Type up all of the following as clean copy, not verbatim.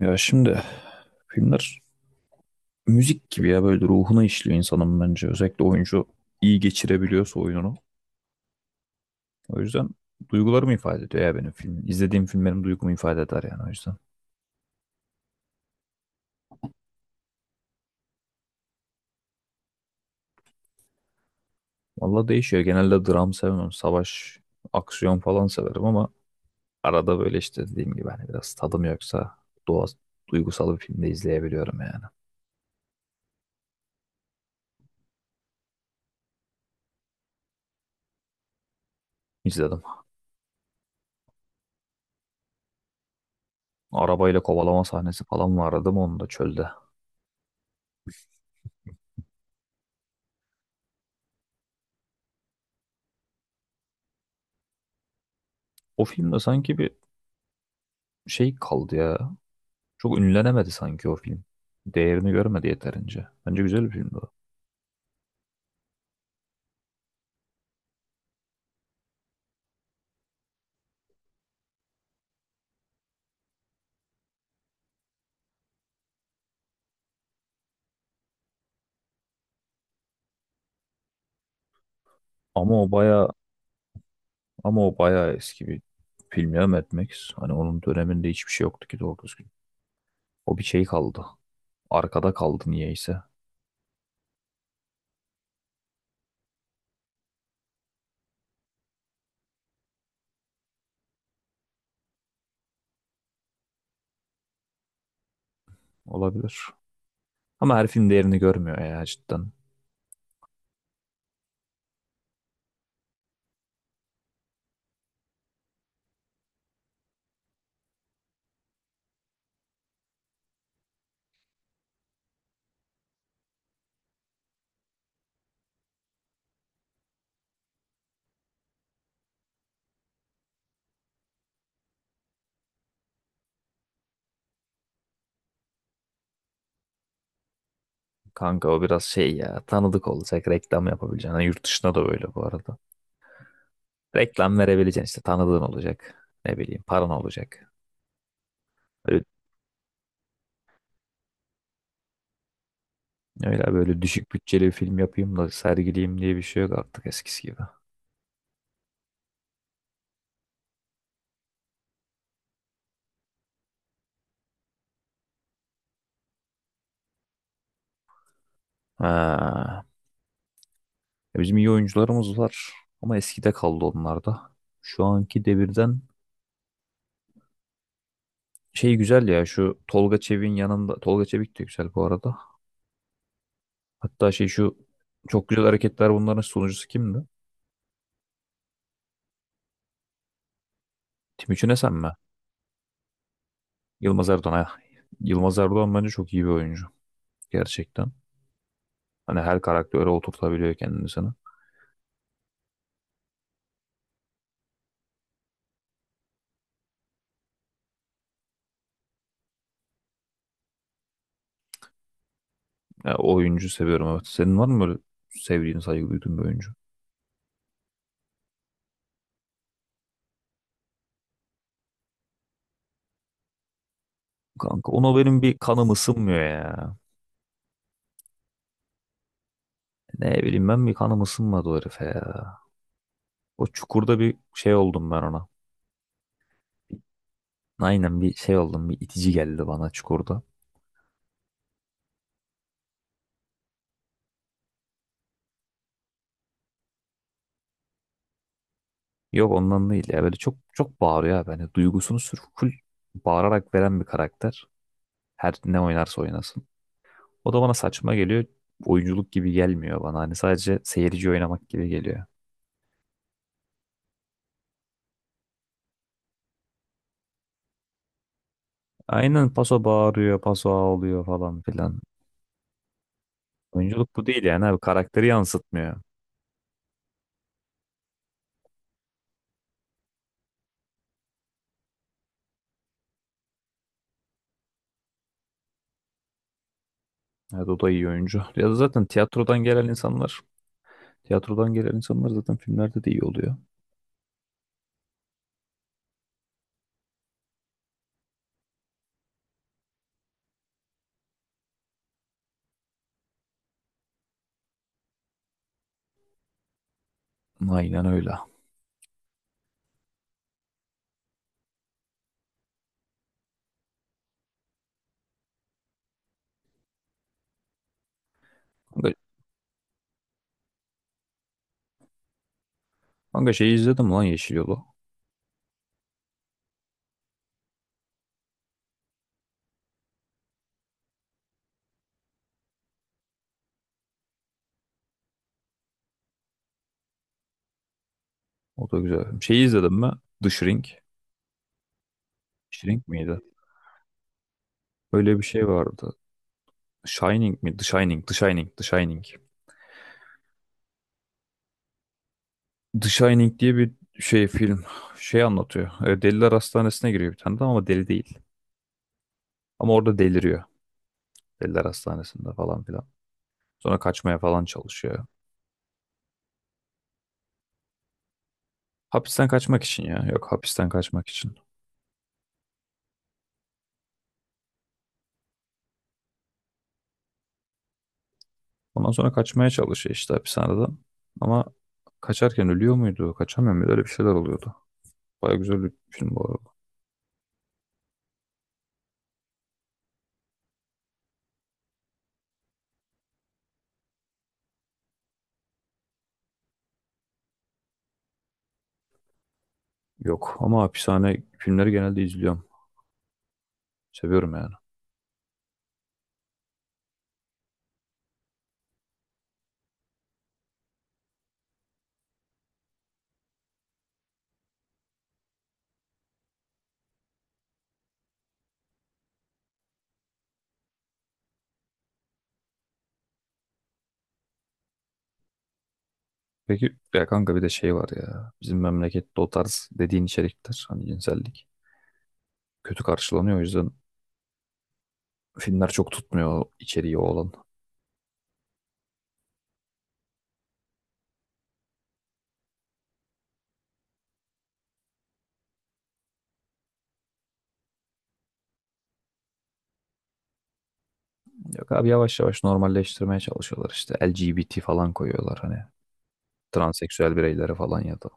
Ya şimdi filmler müzik gibi ya böyle ruhuna işliyor insanın bence. Özellikle oyuncu iyi geçirebiliyorsa oyununu. O yüzden duygularımı ifade ediyor ya benim filmim İzlediğim film benim duygumu ifade eder yani o yüzden. Valla değişiyor. Genelde dram sevmem. Savaş, aksiyon falan severim ama arada böyle işte dediğim gibi hani biraz tadım yoksa doğa duygusal bir filmde izleyebiliyorum yani. İzledim. Arabayla kovalama sahnesi falan vardı değil mi onun da çölde. O filmde sanki bir şey kaldı ya. Çok ünlenemedi sanki o film. Değerini görmedi yeterince. Bence güzel bir filmdi o. Ama o baya ama o baya eski bir film ya Mad Max. Hani onun döneminde hiçbir şey yoktu ki doğru düzgün. O bir şey kaldı. Arkada kaldı niyeyse. Olabilir. Ama her film değerini görmüyor ya cidden. Kanka o biraz şey ya tanıdık olacak reklam yapabileceksin. Hani yurt dışında da böyle bu arada. Reklam verebileceksin işte tanıdığın olacak. Ne bileyim paran olacak. Öyle. Öyle böyle düşük bütçeli bir film yapayım da sergileyim diye bir şey yok artık eskisi gibi. Ha. Ya bizim iyi oyuncularımız var ama eskide kaldı onlar da. Şu anki devirden şey güzel ya şu Tolga Çevik'in yanında Tolga Çevik de güzel bu arada. Hatta şey şu çok güzel hareketler bunların sunucusu kimdi? Timuçin Esen mi? Yılmaz Erdoğan. Ha. Yılmaz Erdoğan bence çok iyi bir oyuncu gerçekten. Hani her karaktere oturtabiliyor kendini sana. Ya, o oyuncu seviyorum evet. Senin var mı böyle sevdiğin, saygı duyduğun bir oyuncu? Kanka ona benim bir kanım ısınmıyor ya. Ne bileyim ben bir kanım ısınmadı o herife ya. O çukurda bir şey oldum ben ona. Aynen bir şey oldum bir itici geldi bana çukurda. Yok ondan değil ya böyle çok çok bağırıyor abi. Hani duygusunu sırf full bağırarak veren bir karakter. Her ne oynarsa oynasın. O da bana saçma geliyor. Oyunculuk gibi gelmiyor bana. Hani sadece seyirci oynamak gibi geliyor. Aynen paso bağırıyor, paso ağlıyor falan filan. Oyunculuk bu değil yani abi karakteri yansıtmıyor. Evet o da iyi oyuncu. Ya da zaten tiyatrodan gelen insanlar zaten filmlerde de iyi oluyor. Aynen öyle. Kanka, kanka, şeyi izledim lan Yeşil Yolu. O da güzel. Şeyi izledim mi? The Shrink. Shrink miydi? Öyle bir şey vardı. Shining mi? The Shining, The Shining, The Shining. The Shining diye bir şey film şey anlatıyor. E, Deliler Hastanesi'ne giriyor bir tane de ama deli değil. Ama orada deliriyor. Deliler Hastanesi'nde falan filan. Sonra kaçmaya falan çalışıyor. Hapisten kaçmak için ya. Yok hapisten kaçmak için. Ondan sonra kaçmaya çalışıyor işte hapishaneden. Ama kaçarken ölüyor muydu? Kaçamıyor muydu? Öyle bir şeyler oluyordu. Baya güzel bir film bu arada. Yok ama hapishane filmleri genelde izliyorum. Seviyorum yani. Peki ya kanka bir de şey var ya. Bizim memlekette o tarz dediğin içerikler hani cinsellik kötü karşılanıyor. O yüzden filmler çok tutmuyor o içeriği olan. Yok abi yavaş yavaş normalleştirmeye çalışıyorlar işte. LGBT falan koyuyorlar hani. Transseksüel bireyleri falan ya da.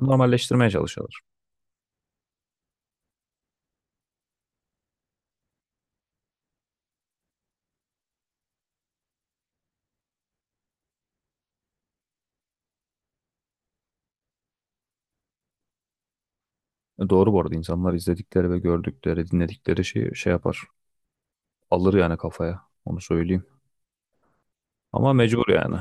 Normalleştirmeye çalışıyorlar. E, doğru bu arada insanlar izledikleri ve gördükleri, dinledikleri şeyi şey yapar. Alır yani kafaya. Onu söyleyeyim. Ama mecbur yani.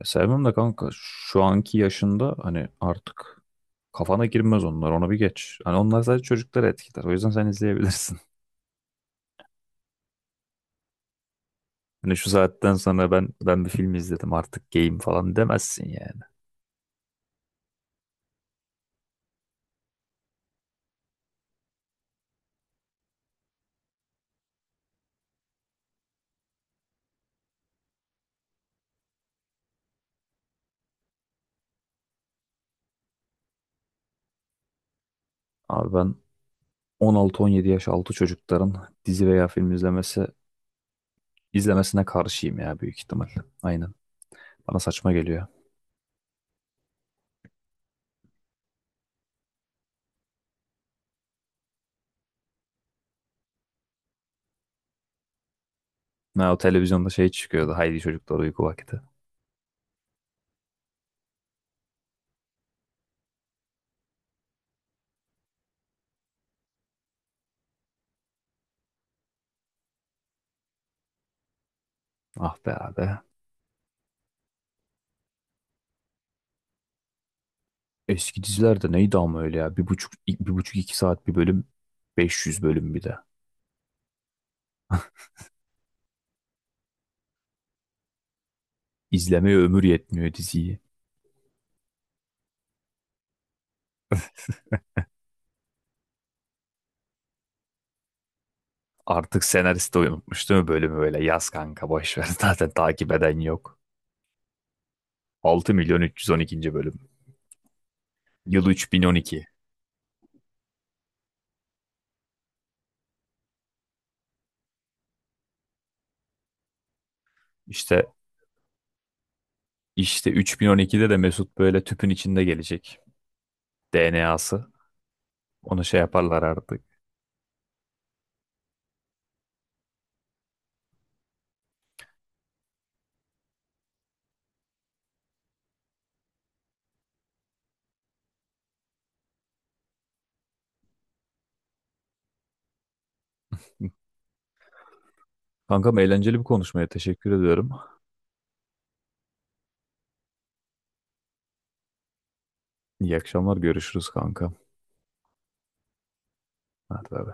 E, sevmem de kanka şu anki yaşında hani artık kafana girmez onlar. Onu bir geç. Hani onlar sadece çocukları etkiler. O yüzden sen izleyebilirsin. Hani şu saatten sonra ben bir film izledim artık game falan demezsin yani. Abi ben 16-17 yaş altı çocukların dizi veya film izlemesine karşıyım ya büyük ihtimal. Aynen. Bana saçma geliyor. Ha, o televizyonda şey çıkıyordu. Haydi çocuklar uyku vakti. Ah be abi. Eski dizilerde neydi ama öyle ya. Bir buçuk iki saat bir bölüm. 500 bölüm bir de. İzlemeye ömür yetmiyor diziyi. Artık senarist de unutmuş değil mi bölümü böyle? Yaz kanka boş ver. Zaten takip eden yok. 6 milyon 312. bölüm. Yıl 3012. İşte işte 3012'de de Mesut böyle tüpün içinde gelecek. DNA'sı. Onu şey yaparlar artık. Kankam eğlenceli bir konuşmaya teşekkür ediyorum. İyi akşamlar. Görüşürüz kanka. Hadi bay bay.